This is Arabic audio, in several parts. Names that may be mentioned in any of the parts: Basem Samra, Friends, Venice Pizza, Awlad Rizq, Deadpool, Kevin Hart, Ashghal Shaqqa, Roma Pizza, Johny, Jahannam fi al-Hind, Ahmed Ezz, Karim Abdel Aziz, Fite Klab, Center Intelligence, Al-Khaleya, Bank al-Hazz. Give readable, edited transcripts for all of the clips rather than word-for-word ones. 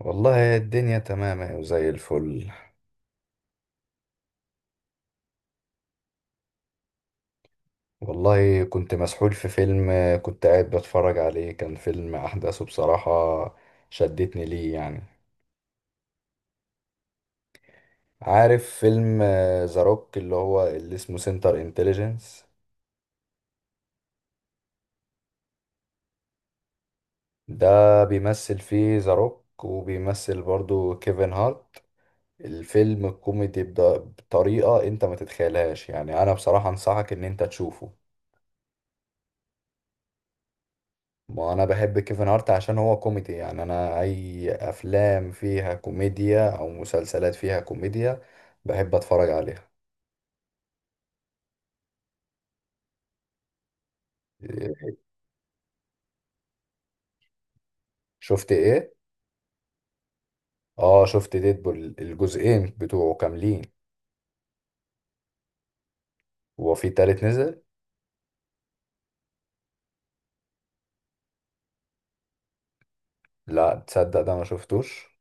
والله الدنيا تمام أهي وزي الفل. والله كنت مسحول في فيلم. كنت قاعد بتفرج عليه، كان فيلم أحداثه بصراحة شدتني ليه يعني. عارف فيلم ذا روك اللي هو اللي اسمه سنتر انتليجنس؟ ده بيمثل فيه ذا روك وبيمثل برضو كيفن هارت. الفيلم الكوميدي بطريقة انت ما تتخيلهاش يعني. انا بصراحة انصحك ان انت تشوفه. ما انا بحب كيفن هارت عشان هو كوميدي، يعني انا اي افلام فيها كوميديا او مسلسلات فيها كوميديا بحب اتفرج عليها. إيه، شفت ايه؟ اه شفت ديدبول الجزئين بتوعه كاملين. هو في تالت نزل؟ لا تصدق، ده ما شفتوش.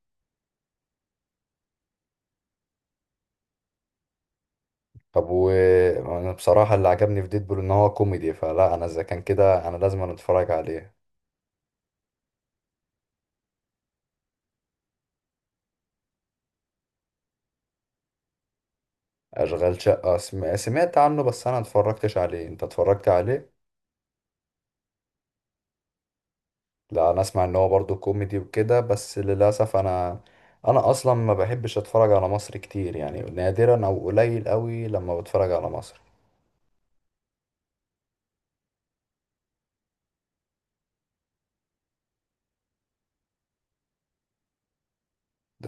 طب وانا بصراحة اللي عجبني في ديدبول ان هو كوميدي، فلا انا اذا كان كده انا لازم اتفرج عليه. اشغال شقة سمعت عنه، بس انا اتفرجتش عليه. انت اتفرجت عليه؟ لا انا اسمع ان هو برضو كوميدي وكده، بس للاسف انا اصلا ما بحبش اتفرج على مصر كتير، يعني نادرا او قليل قوي لما بتفرج على مصر.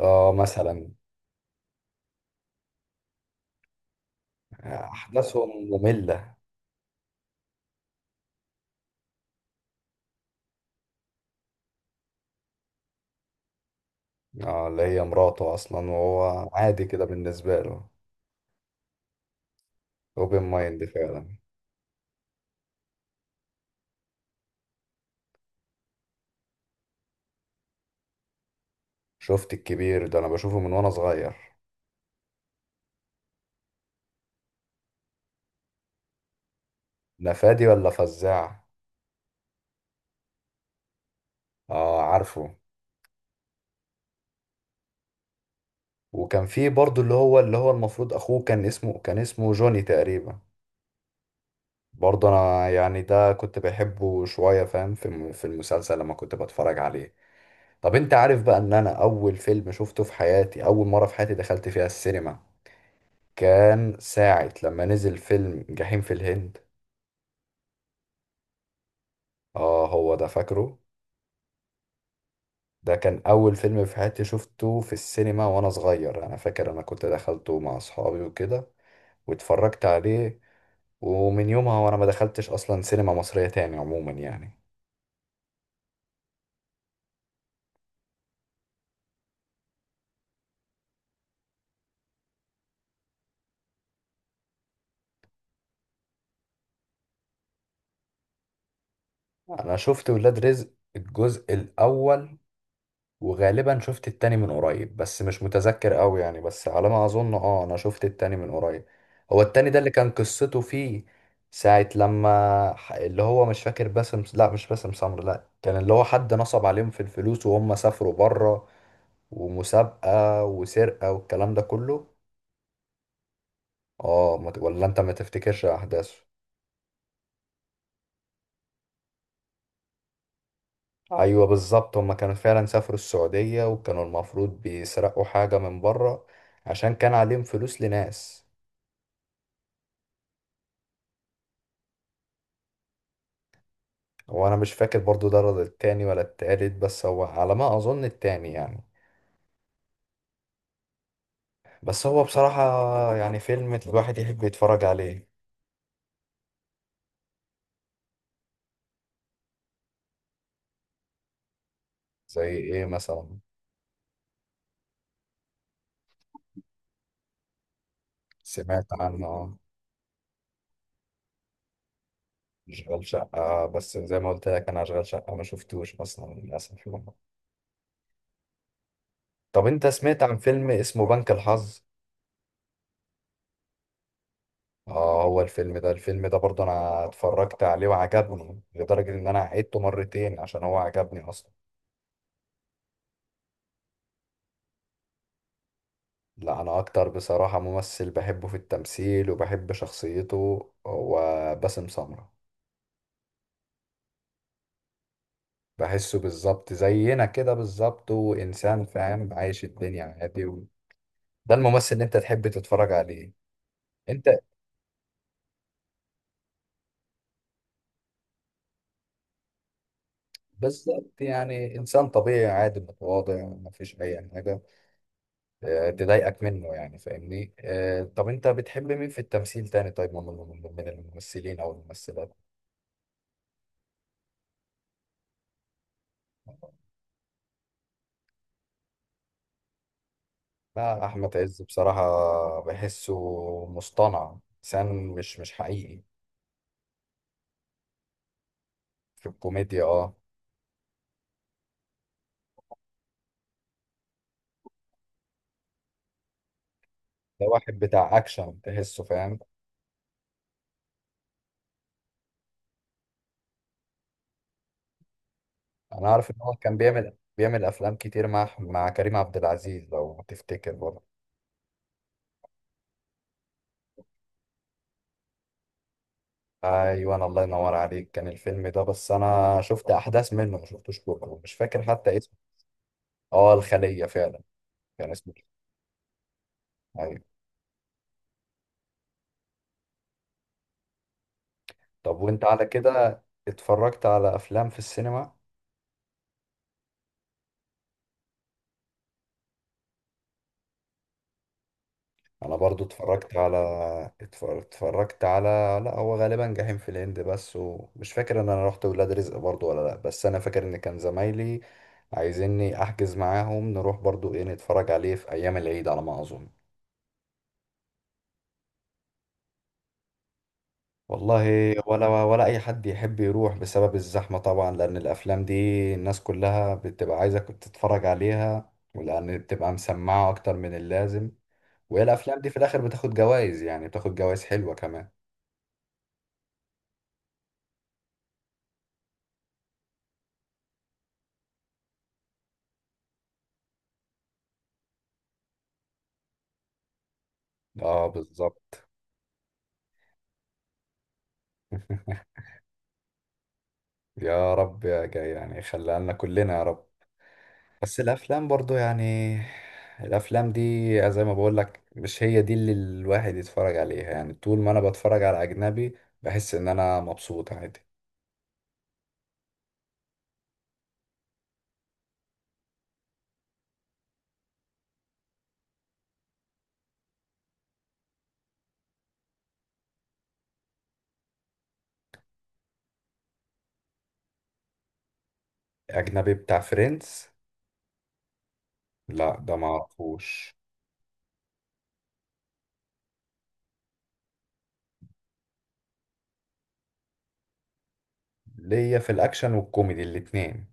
اه مثلا. احداثهم مملة. اه اللي هي مراته اصلا، وهو عادي كده بالنسبة له. اوبن مايند فعلا. شفت الكبير ده انا بشوفه من وانا صغير. نفادي ولا فزاع؟ اه عارفه. وكان في برضو اللي هو المفروض اخوه، كان اسمه كان اسمه جوني تقريبا. برضه انا يعني ده كنت بحبه شويه، فاهم، في في المسلسل لما كنت بتفرج عليه. طب انت عارف بقى ان انا اول فيلم شفته في حياتي، اول مره في حياتي دخلت فيها السينما، كان ساعه لما نزل فيلم جحيم في الهند. اه هو ده فاكره. ده كان اول فيلم في حياتي شفته في السينما وانا صغير. انا فاكر انا كنت دخلته مع اصحابي وكده، واتفرجت عليه. ومن يومها وانا ما دخلتش اصلا سينما مصريه تاني عموما يعني. انا شفت ولاد رزق الجزء الاول. وغالبا شفت التاني من قريب بس مش متذكر قوي يعني، بس على ما اظن اه انا شفت التاني من قريب. هو التاني ده اللي كان قصته فيه ساعة لما اللي هو مش فاكر باسم، لا مش باسم سمر، لا كان اللي هو حد نصب عليهم في الفلوس وهم سافروا بره، ومسابقة وسرقة والكلام ده كله. اه ما ت- ولا انت ما تفتكرش احداثه؟ ايوه بالظبط، هما كانوا فعلا سافروا السعودية، وكانوا المفروض بيسرقوا حاجة من بره عشان كان عليهم فلوس لناس. هو انا مش فاكر برضو ده رد التاني ولا التالت، بس هو على ما اظن التاني يعني. بس هو بصراحة يعني فيلم الواحد يحب يتفرج عليه. زي ايه مثلا؟ سمعت عنه آه، اشغال شقة. بس زي ما قلت لك انا اشغال شقة ما شفتوش اصلا للاسف يعني. طب انت سمعت عن فيلم اسمه بنك الحظ؟ اه هو الفيلم ده، الفيلم ده برضو انا اتفرجت عليه وعجبني لدرجة ان انا عيدته مرتين عشان هو عجبني اصلا. لا انا اكتر بصراحة ممثل بحبه في التمثيل وبحب شخصيته هو باسم سمرة. بحسه بالظبط زينا كده بالظبط، وانسان فاهم عايش الدنيا عادي، و... ده الممثل اللي انت تحب تتفرج عليه. انت بالظبط يعني انسان طبيعي عادي متواضع مفيش اي حاجة آه، تضايقك منه يعني، فاهمني؟ آه، طب انت بتحب مين في التمثيل تاني طيب، من الممثلين او الممثلات؟ لا احمد عز بصراحه بحسه مصطنع، انسان مش حقيقي. في الكوميديا اه. ده واحد بتاع اكشن تحسه، فاهم. انا عارف ان هو كان بيعمل افلام كتير مع كريم عبد العزيز لو تفتكر برضه. ايوه، أنا الله ينور عليك، كان الفيلم ده. بس انا شفت احداث منه، ما شفتوش كله، مش فاكر حتى اسمه. اه الخليه فعلا، كان اسمه كده. ايوه. طب وانت على كده اتفرجت على افلام في السينما؟ انا برضو اتفرجت على اتفرجت على، لا هو غالبا جحيم في الهند بس، ومش فاكر ان انا رحت ولاد رزق برضو ولا لا، بس انا فاكر ان كان زمايلي عايزيني احجز معاهم نروح برضو ايه، نتفرج عليه في ايام العيد على ما اظن. والله ولا ولا اي حد يحب يروح بسبب الزحمة طبعا، لان الافلام دي الناس كلها بتبقى عايزة تتفرج عليها، ولان بتبقى مسمعة اكتر من اللازم. وهي الافلام دي في الاخر بتاخد جوائز، يعني بتاخد جوائز حلوة كمان. اه بالظبط. يا رب يا جاي يعني، خليها لنا كلنا يا رب. بس الافلام برضو يعني الافلام دي زي ما بقول لك، مش هي دي اللي الواحد يتفرج عليها. يعني طول ما انا بتفرج على اجنبي بحس ان انا مبسوط عادي. اجنبي بتاع فريندز؟ لا ده ما اعرفوش. ليا في الاكشن والكوميدي الاتنين.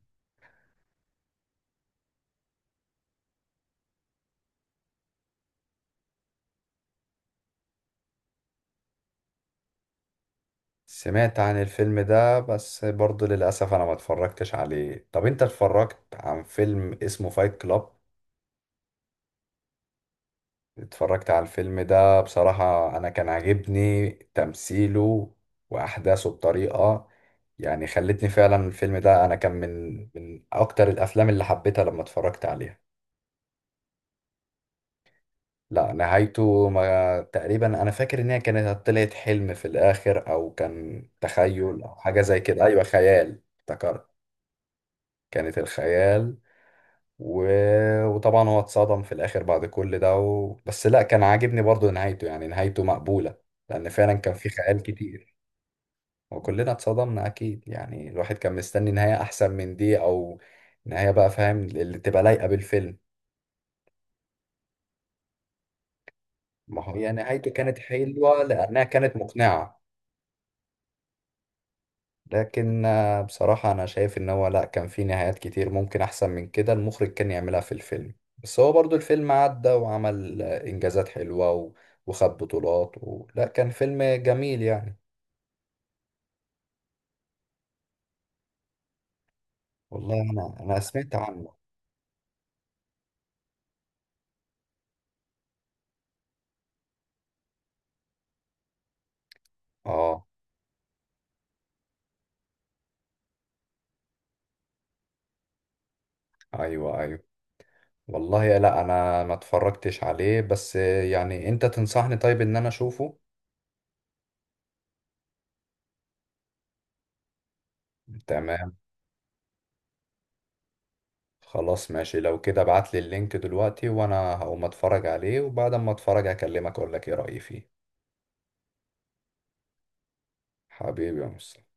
سمعت عن الفيلم ده بس برضو للاسف انا ما اتفرجتش عليه. طب انت اتفرجت عن فيلم اسمه فايت كلاب؟ اتفرجت على الفيلم ده بصراحة، أنا كان عاجبني تمثيله وأحداثه بطريقة يعني خلتني فعلا الفيلم ده أنا كان من أكتر الأفلام اللي حبيتها لما اتفرجت عليها. لا نهايته ما، تقريبا أنا فاكر إن هي كانت طلعت حلم في الآخر أو كان تخيل أو حاجة زي كده، أيوة خيال افتكرت. كانت الخيال و... وطبعا هو اتصدم في الاخر بعد كل ده و... بس لا كان عاجبني برضو نهايته، يعني نهايته مقبولة لان فعلا كان في خيال كتير. وكلنا اتصدمنا اكيد، يعني الواحد كان مستني نهاية احسن من دي، او نهاية بقى فاهم اللي تبقى لايقة بالفيلم. ما هو يعني نهايته كانت حلوة لانها كانت مقنعة، لكن آه، بصراحة أنا شايف إن هو لأ، كان في نهايات كتير ممكن أحسن من كده المخرج كان يعملها في الفيلم. بس هو برضو الفيلم عدى وعمل آه، إنجازات حلوة و... وخد بطولات و... لأ كان فيلم جميل يعني. والله أنا سمعت عنه. آه أيوه أيوه. والله يا لأ أنا ما اتفرجتش عليه، بس آه، يعني أنت تنصحني طيب إن أنا أشوفه. تمام. خلاص ماشي، لو كده ابعتلي اللينك دلوقتي وأنا هقوم أتفرج عليه، وبعد ما أتفرج هكلمك أقول لك إيه رأيي فيه. حبيبي يا مصطفى.